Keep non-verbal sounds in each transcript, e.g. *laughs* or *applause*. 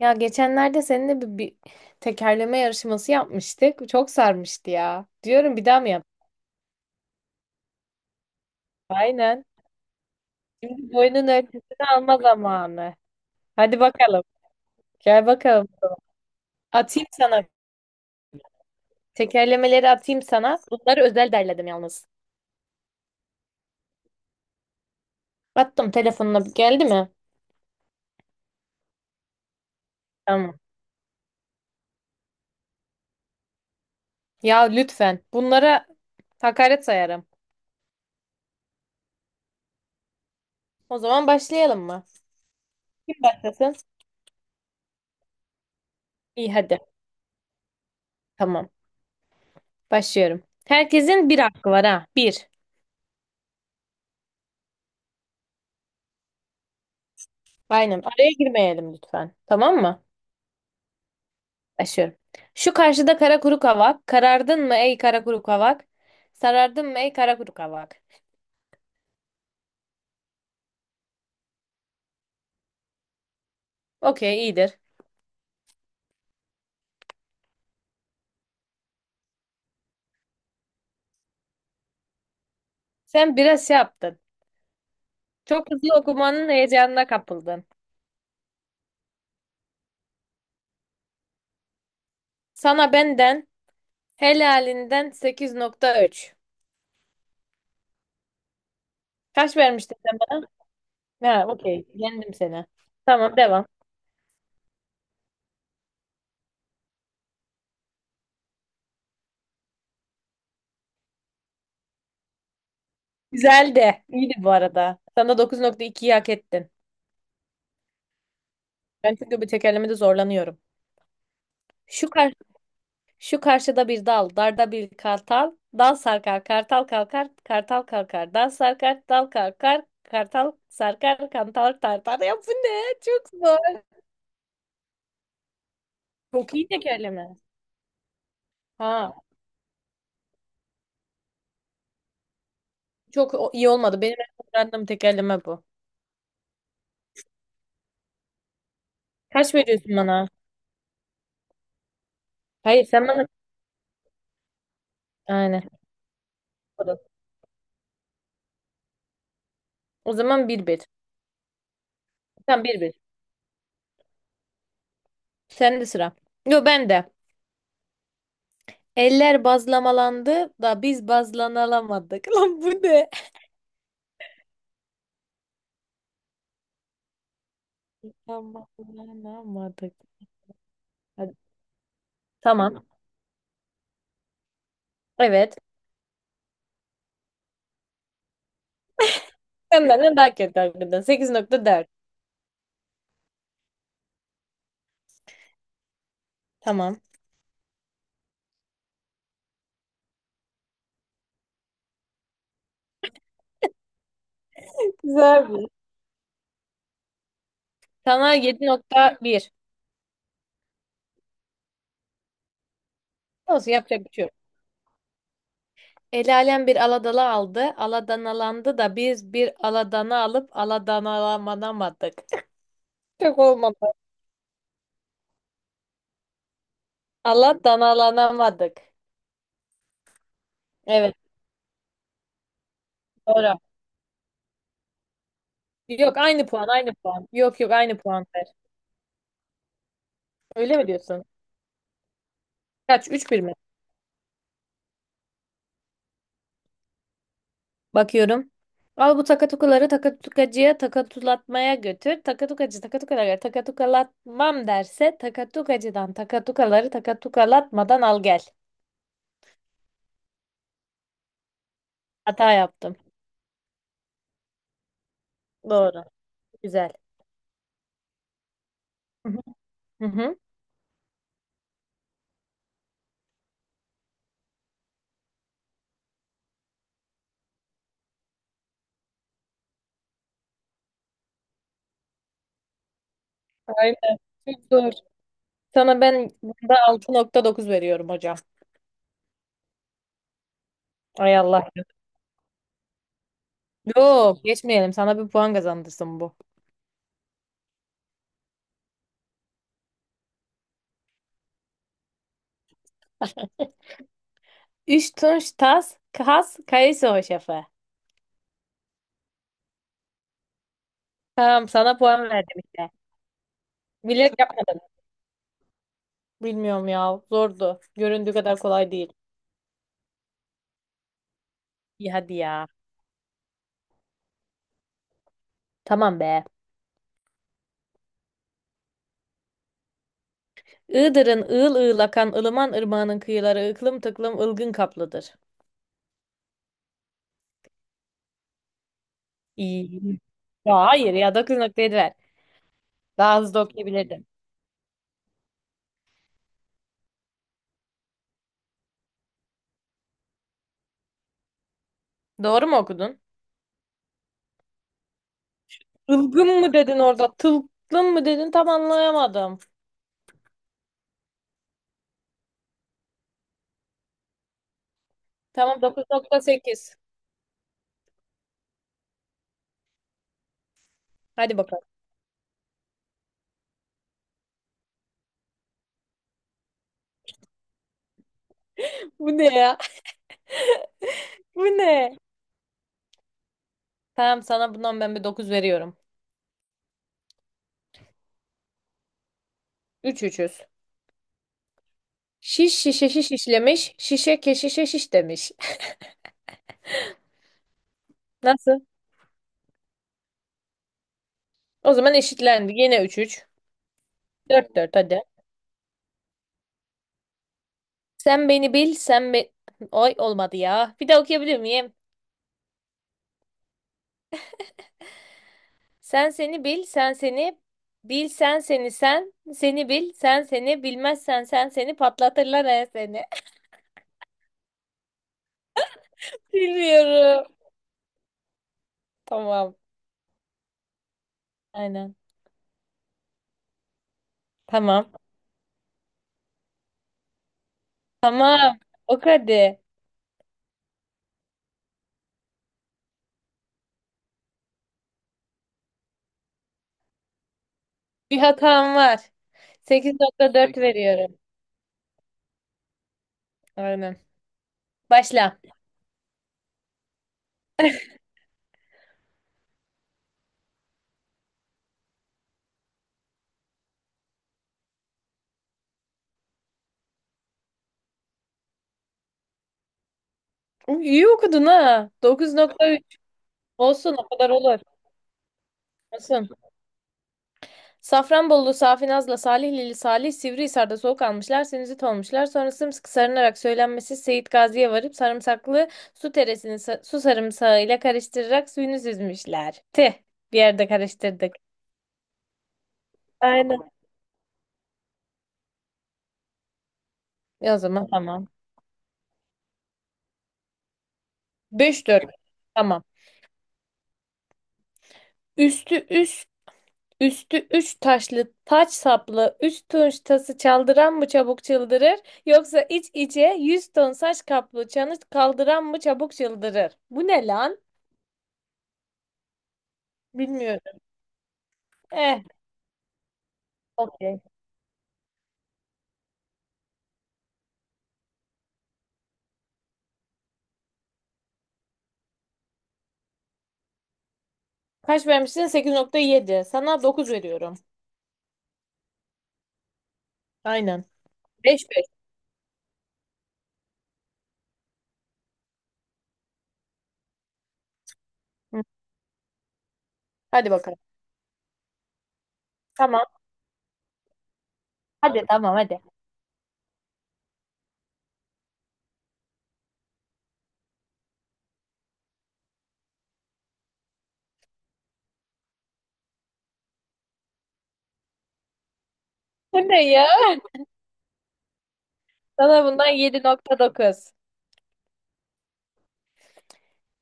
Ya geçenlerde seninle bir tekerleme yarışması yapmıştık. Çok sarmıştı ya. Diyorum bir daha mı yap? Aynen. Şimdi boyunun ölçüsünü alma zamanı. Hadi bakalım. Gel bakalım. Atayım sana. Tekerlemeleri atayım sana. Bunları özel derledim yalnız. Attım telefonuna. Geldi mi? Tamam. Ya lütfen. Bunlara hakaret sayarım. O zaman başlayalım mı? Kim başlasın? İyi hadi. Tamam. Başlıyorum. Herkesin bir hakkı var ha. Bir. Aynen. Araya girmeyelim lütfen. Tamam mı? Aşıyorum. Şu karşıda kara kuru kavak. Karardın mı ey kara kuru kavak? Sarardın mı ey kara kuru kavak? Okey iyidir. Sen biraz şey yaptın. Çok hızlı okumanın heyecanına kapıldın. Sana benden helalinden 8.3. Kaç vermiştin sen bana? Ha, okey. Yendim seni. Tamam devam. Güzeldi. İyiydi bu arada. Sana 9.2'yi hak ettin. Ben çünkü bu tekerlemede zorlanıyorum. Şu kar Şu karşıda bir dal, darda bir kartal. Dal sarkar, kartal kalkar, kartal kalkar. Dal sarkar, dal kalkar, kartal sarkar, kantal tartar. Ya bu ne? Çok zor. Çok iyi tekerleme. Ha, çok iyi olmadı. Benim en öğrendiğim tekerleme bu. Kaç veriyorsun bana? Hayır, sen bana... Aynen. O zaman bir bir. Sen bir bir. Sen de sıra. Yo ben de. Eller bazlamalandı da biz bazlanalamadık. *laughs* Lan bu ne? Bazlanamadık. Hadi. Tamam. Evet. Sen benden daha kötü hakikaten. 8.4. Tamam. Güzel bir. Sana 7.1. Olsun yapacak bir şey yok. El alem bir aladala aldı. Aladanalandı da biz bir aladana alıp aladanalanamadık. *laughs* Çok olmadı. Aladanalanamadık. Evet doğru. Yok aynı puan aynı puan. Yok yok aynı puan ver. Öyle mi diyorsun? Kaç? Üç bir mi? Bakıyorum. Al bu takatukaları takatukacıya takatulatmaya götür. Takatukacı takatukaları takatukalatmam derse takatukacıdan takatukaları takatukalatmadan al gel. Hata yaptım. Doğru. Güzel. Hı hı. Hı hı. Aynen. Çok zor. Sana ben bunda 6.9 veriyorum hocam. Ay Allah. Yok geçmeyelim. Sana bir puan kazandırsın bu. Üç tunç tas kas kayısı hoşafı. Tamam sana puan verdim işte. Bilerek yapmadım. Bilmiyorum ya. Zordu. Göründüğü kadar kolay değil. İyi hadi ya. Tamam be. Iğdır'ın ığıl ığıl akan ılıman ırmağının kıyıları ıklım tıklım ılgın kaplıdır. İyi. Ya hayır ya 9 noktayı ver. Daha hızlı okuyabilirdim. Doğru mu okudun? Ilgın mı dedin orada? Tılgın mı dedin? Tam anlayamadım. Tamam 9.8. Hadi bakalım. *laughs* Bu ne ya? *laughs* Bu ne? Tamam sana bundan ben bir 9 veriyorum. 3 üçüz. Şiş şişe şiş işlemiş, şişe keşişe şiş demiş. *laughs* Nasıl? O zaman eşitlendi. Yine 3-3. 4-4 hadi. Sen beni bil, sen be... Oy olmadı ya. Bir daha okuyabilir miyim? Sen seni bil, sen seni bil, sen seni sen, seni bil, sen seni bilmezsen sen seni patlatırlar he seni. *laughs* Bilmiyorum. Tamam. Aynen. Tamam. Tamam. O hadi. Bir hatam var. 8.4 peki veriyorum. Aynen. Başla. Uy, İyi okudun ha. 9.3 olsun o kadar olur. Olsun. Safranbolulu Safi Naz'la Salihlili Salih Sivrihisar'da soğuk almışlar, sinüzit olmuşlar. Sonra sımsıkı sarınarak söylenmesi Seyit Gazi'ye varıp sarımsaklı su teresini su sarımsağıyla karıştırarak suyunu süzmüşler. Tih, bir yerde karıştırdık. Aynen. E o zaman tamam. Beş dört. Tamam. Üstü üst Üstü üç taşlı taç saplı üç tunç tası çaldıran mı çabuk çıldırır yoksa iç içe yüz ton saç kaplı çanı kaldıran mı çabuk çıldırır? Bu ne lan? Bilmiyorum. Eh, Okey. Kaç vermişsin? 8.7. Sana 9 veriyorum. Aynen. 5-5. Hı, Hadi bakalım. Tamam. Hadi tamam hadi. Bu ne ya? Sana bundan 7.9.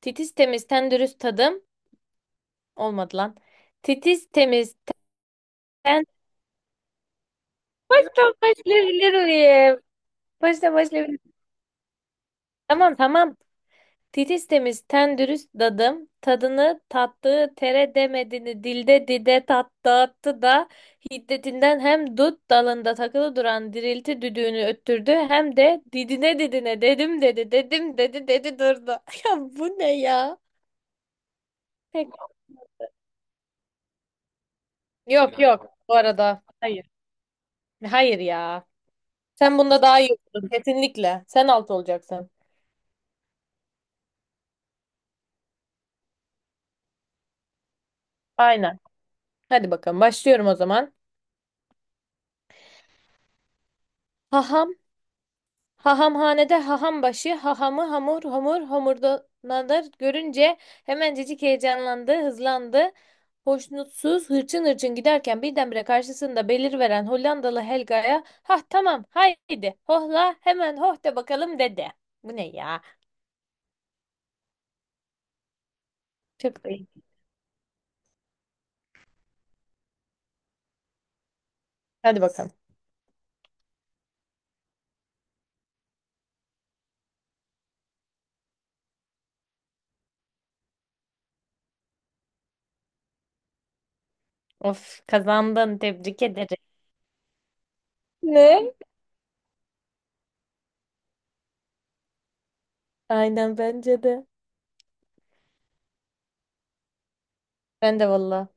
Titiz temiz ten dürüst tadım. Olmadı lan. Titiz temiz ten... Baştan başlayabilir miyim? Baştan başlayabilir miyim? Tamam tamam. Titiz temiz ten dürüst dadım, tadını tattığı tere demedini dilde dide tat dağıttı da hiddetinden hem dut dalında takılı duran dirilti düdüğünü öttürdü hem de didine didine dedim dedi dedim dedi dedi durdu. *laughs* Ya bu ne ya? Pek- Yok yok bu arada. Hayır. Hayır ya. Sen bunda daha iyi oldun kesinlikle. Sen alt olacaksın. Aynen. Hadi bakalım başlıyorum o zaman. Haham Hahamhanede haham başı, hahamı hamur hamur homurdanadır görünce hemencecik heyecanlandı, hızlandı. Hoşnutsuz hırçın hırçın giderken birdenbire karşısında belirveren Hollandalı Helga'ya ha tamam haydi hohla hemen hoh de bakalım dedi. Bu ne ya? Çok iyi. Hadi bakalım. Of kazandın tebrik ederim. Ne? Aynen bence de. Ben de valla.